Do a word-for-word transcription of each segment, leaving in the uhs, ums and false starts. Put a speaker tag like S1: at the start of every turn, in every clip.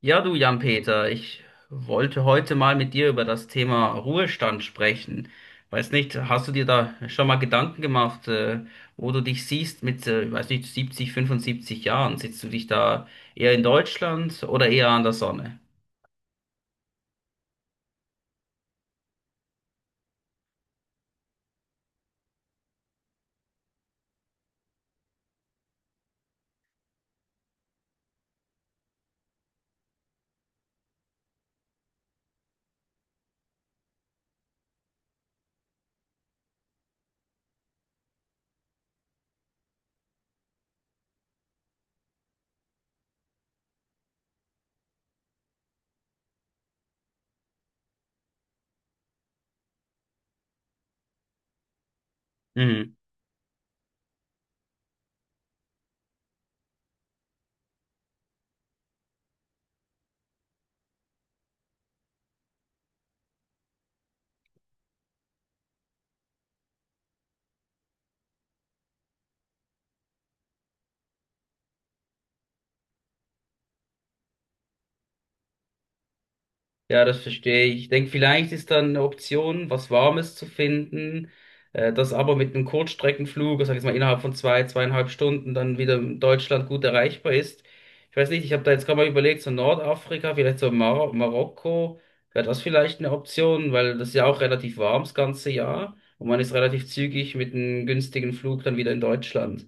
S1: Ja, du Jan-Peter, ich wollte heute mal mit dir über das Thema Ruhestand sprechen. Weiß nicht, hast du dir da schon mal Gedanken gemacht, äh, wo du dich siehst mit, äh, ich weiß nicht, siebzig, fünfundsiebzig Jahren? Sitzt du dich da eher in Deutschland oder eher an der Sonne? Mhm. Ja, das verstehe ich. Ich denke, vielleicht ist dann eine Option, was Warmes zu finden, äh, das aber mit einem Kurzstreckenflug, sag ich jetzt mal innerhalb von zwei, zweieinhalb Stunden dann wieder in Deutschland gut erreichbar ist. Ich weiß nicht, ich habe da jetzt gerade mal überlegt, so Nordafrika, vielleicht so Mar Marokko, wäre das vielleicht eine Option, weil das ist ja auch relativ warm das ganze Jahr und man ist relativ zügig mit einem günstigen Flug dann wieder in Deutschland.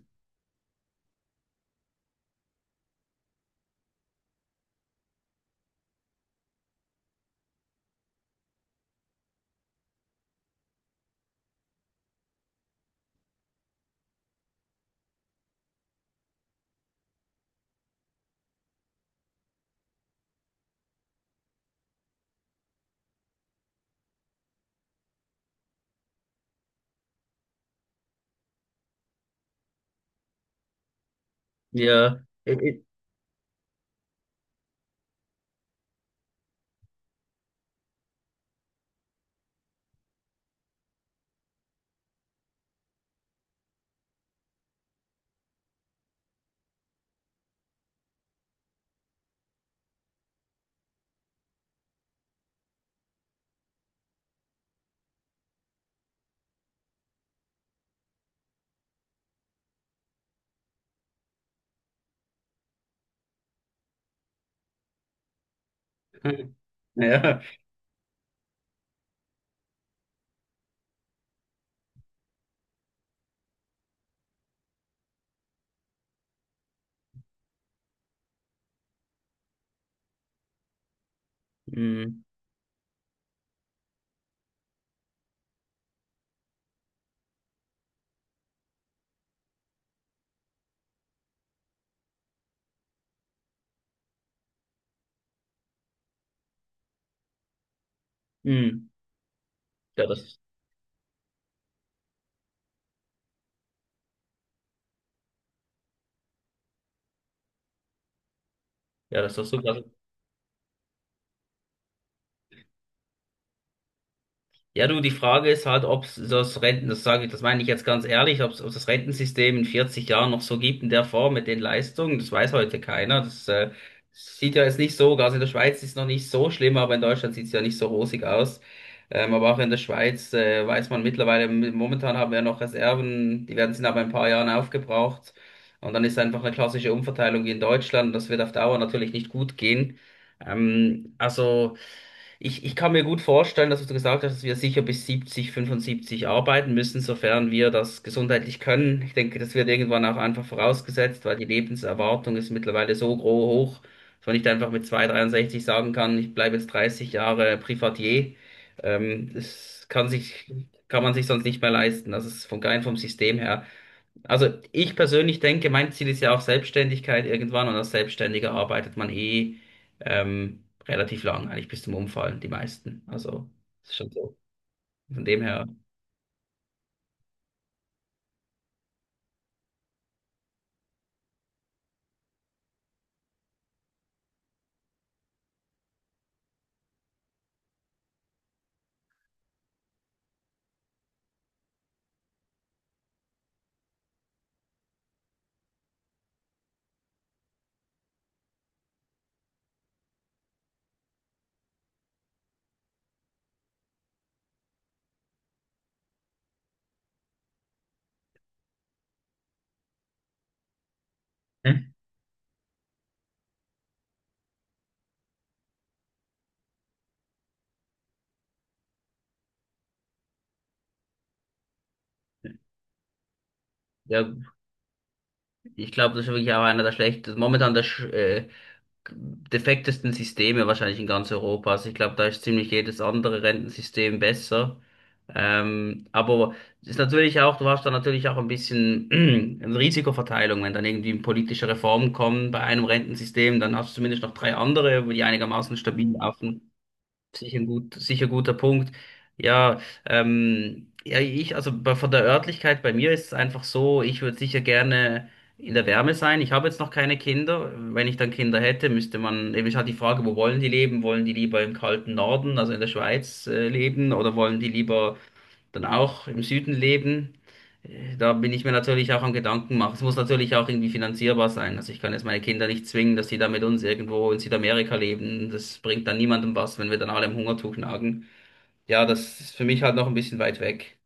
S1: Ja, ich- ich- Ja, mm, mm. Ja, das, ja, das ist doch super. Ja, du, die Frage ist halt, ob das Renten, das sage ich, das meine ich jetzt ganz ehrlich, ob das Rentensystem in vierzig Jahren noch so gibt in der Form mit den Leistungen, das weiß heute keiner. Das äh, sieht ja jetzt nicht so, also in der Schweiz ist es noch nicht so schlimm, aber in Deutschland sieht es ja nicht so rosig aus. Ähm, aber auch in der Schweiz äh, weiß man mittlerweile, momentan haben wir noch Reserven, die werden sind aber in ein paar Jahren aufgebraucht. Und dann ist einfach eine klassische Umverteilung wie in Deutschland, das wird auf Dauer natürlich nicht gut gehen. Ähm, also. Ich, ich kann mir gut vorstellen, dass du gesagt hast, dass wir sicher bis siebzig, fünfundsiebzig arbeiten müssen, sofern wir das gesundheitlich können. Ich denke, das wird irgendwann auch einfach vorausgesetzt, weil die Lebenserwartung ist mittlerweile so gro- hoch, dass man nicht einfach mit zwei, dreiundsechzig sagen kann, ich bleibe jetzt dreißig Jahre Privatier. Ähm, das kann sich, kann man sich sonst nicht mehr leisten. Das ist von rein vom System her. Also ich persönlich denke, mein Ziel ist ja auch Selbstständigkeit irgendwann und als Selbstständiger arbeitet man eh ähm, relativ lang, eigentlich bis zum Umfallen, die meisten. Also ist schon so. Von dem her, hm? Ja, ich glaube, das ist wirklich auch einer der schlechtesten, momentan der sch- äh, defektesten Systeme wahrscheinlich in ganz Europa. Also ich glaube, da ist ziemlich jedes andere Rentensystem besser. Ähm, aber es ist natürlich auch, du hast da natürlich auch ein bisschen eine Risikoverteilung, wenn dann irgendwie politische Reformen kommen bei einem Rentensystem, dann hast du zumindest noch drei andere, die einigermaßen stabil laufen. Sicher ein gut, sicher guter Punkt. Ja, ähm, ja, ich, also bei- von der Örtlichkeit bei mir ist es einfach so, ich würde sicher gerne in der Wärme sein. Ich habe jetzt noch keine Kinder. Wenn ich dann Kinder hätte, müsste man, eben ist halt die Frage, wo wollen die leben? Wollen die lieber im kalten Norden, also in der Schweiz, äh, leben oder wollen die lieber dann auch im Süden leben. Äh, Da bin ich mir natürlich auch am Gedanken machen. Es muss natürlich auch irgendwie finanzierbar sein. Also ich kann jetzt meine Kinder nicht zwingen, dass die da mit uns irgendwo in Südamerika leben. Das bringt dann niemandem was, wenn wir dann alle im Hungertuch nagen. Ja, das ist für mich halt noch ein bisschen weit weg.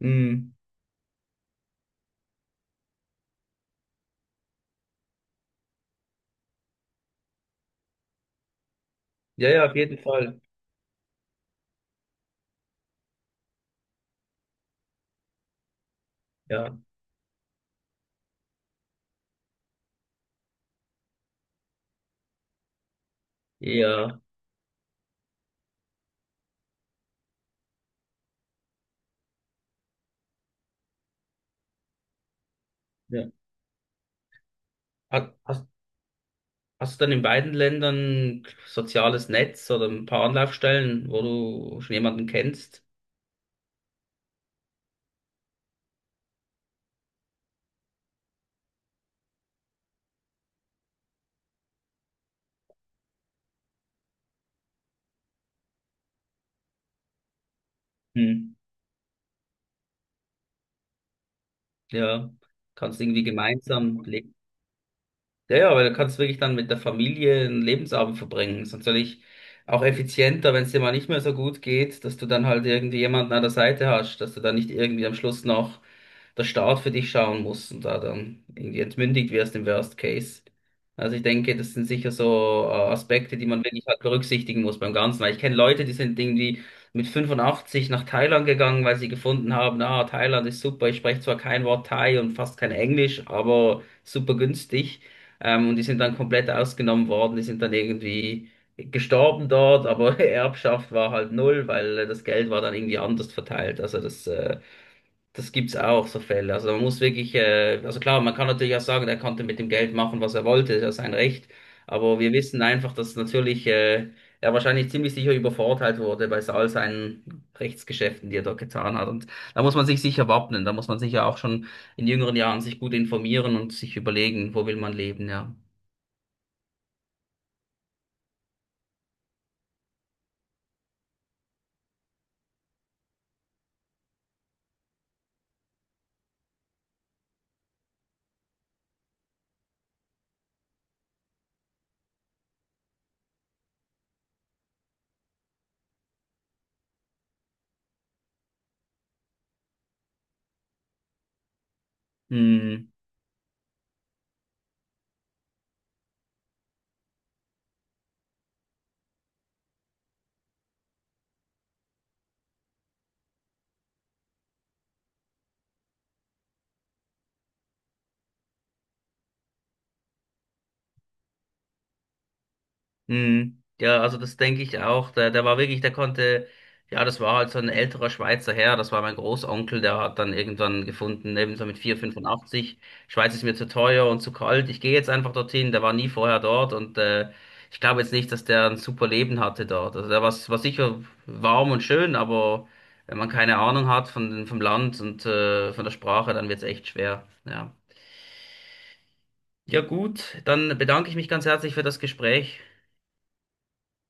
S1: Hm. Ja, ja, auf jeden Fall. Ja, ja, ja. Ha- Hast, hast du dann in beiden Ländern soziales Netz oder ein paar Anlaufstellen, wo du schon jemanden kennst? Hm. Ja, kannst irgendwie gemeinsam leben. Ja, ja, weil du kannst wirklich dann mit der Familie einen Lebensabend verbringen. Ist natürlich auch effizienter, wenn es dir mal nicht mehr so gut geht, dass du dann halt irgendwie jemanden an der Seite hast, dass du dann nicht irgendwie am Schluss noch der Staat für dich schauen musst und da dann irgendwie entmündigt wirst im Worst Case. Also ich denke, das sind sicher so äh, Aspekte, die man wirklich halt berücksichtigen muss beim Ganzen. Weil ich kenne Leute, die sind irgendwie mit fünfundachtzig nach Thailand gegangen, weil sie gefunden haben, ah, Thailand ist super, ich spreche zwar kein Wort Thai und fast kein Englisch, aber super günstig. Ähm, und die sind dann komplett ausgenommen worden, die sind dann irgendwie gestorben dort, aber Erbschaft war halt null, weil äh, das Geld war dann irgendwie anders verteilt. Also das, äh, das gibt's auch, so Fälle. Also man muss wirklich, äh, also klar, man kann natürlich auch sagen, er konnte mit dem Geld machen, was er wollte, das ist ja sein Recht. Aber wir wissen einfach, dass natürlich äh, er wahrscheinlich ziemlich sicher übervorteilt wurde bei all seinen Rechtsgeschäften, die er dort getan hat. Und da muss man sich sicher wappnen, da muss man sicher auch schon in jüngeren Jahren sich gut informieren und sich überlegen, wo will man leben, ja. Hm, hm. Ja, also das denke ich auch. Der, der war wirklich, der konnte, ja, das war halt so ein älterer Schweizer Herr, das war mein Großonkel, der hat dann irgendwann gefunden, eben so mit vier Komma fünfundachtzig Schweiz ist mir zu teuer und zu kalt, ich gehe jetzt einfach dorthin, der war nie vorher dort und äh, ich glaube jetzt nicht, dass der ein super Leben hatte dort. Also der war, war sicher warm und schön, aber wenn man keine Ahnung hat von, vom Land und äh, von der Sprache, dann wird es echt schwer. Ja. Ja, gut, dann bedanke ich mich ganz herzlich für das Gespräch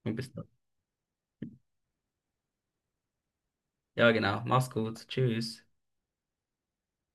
S1: und bis dann. Ja, genau. Mach's gut. Tschüss.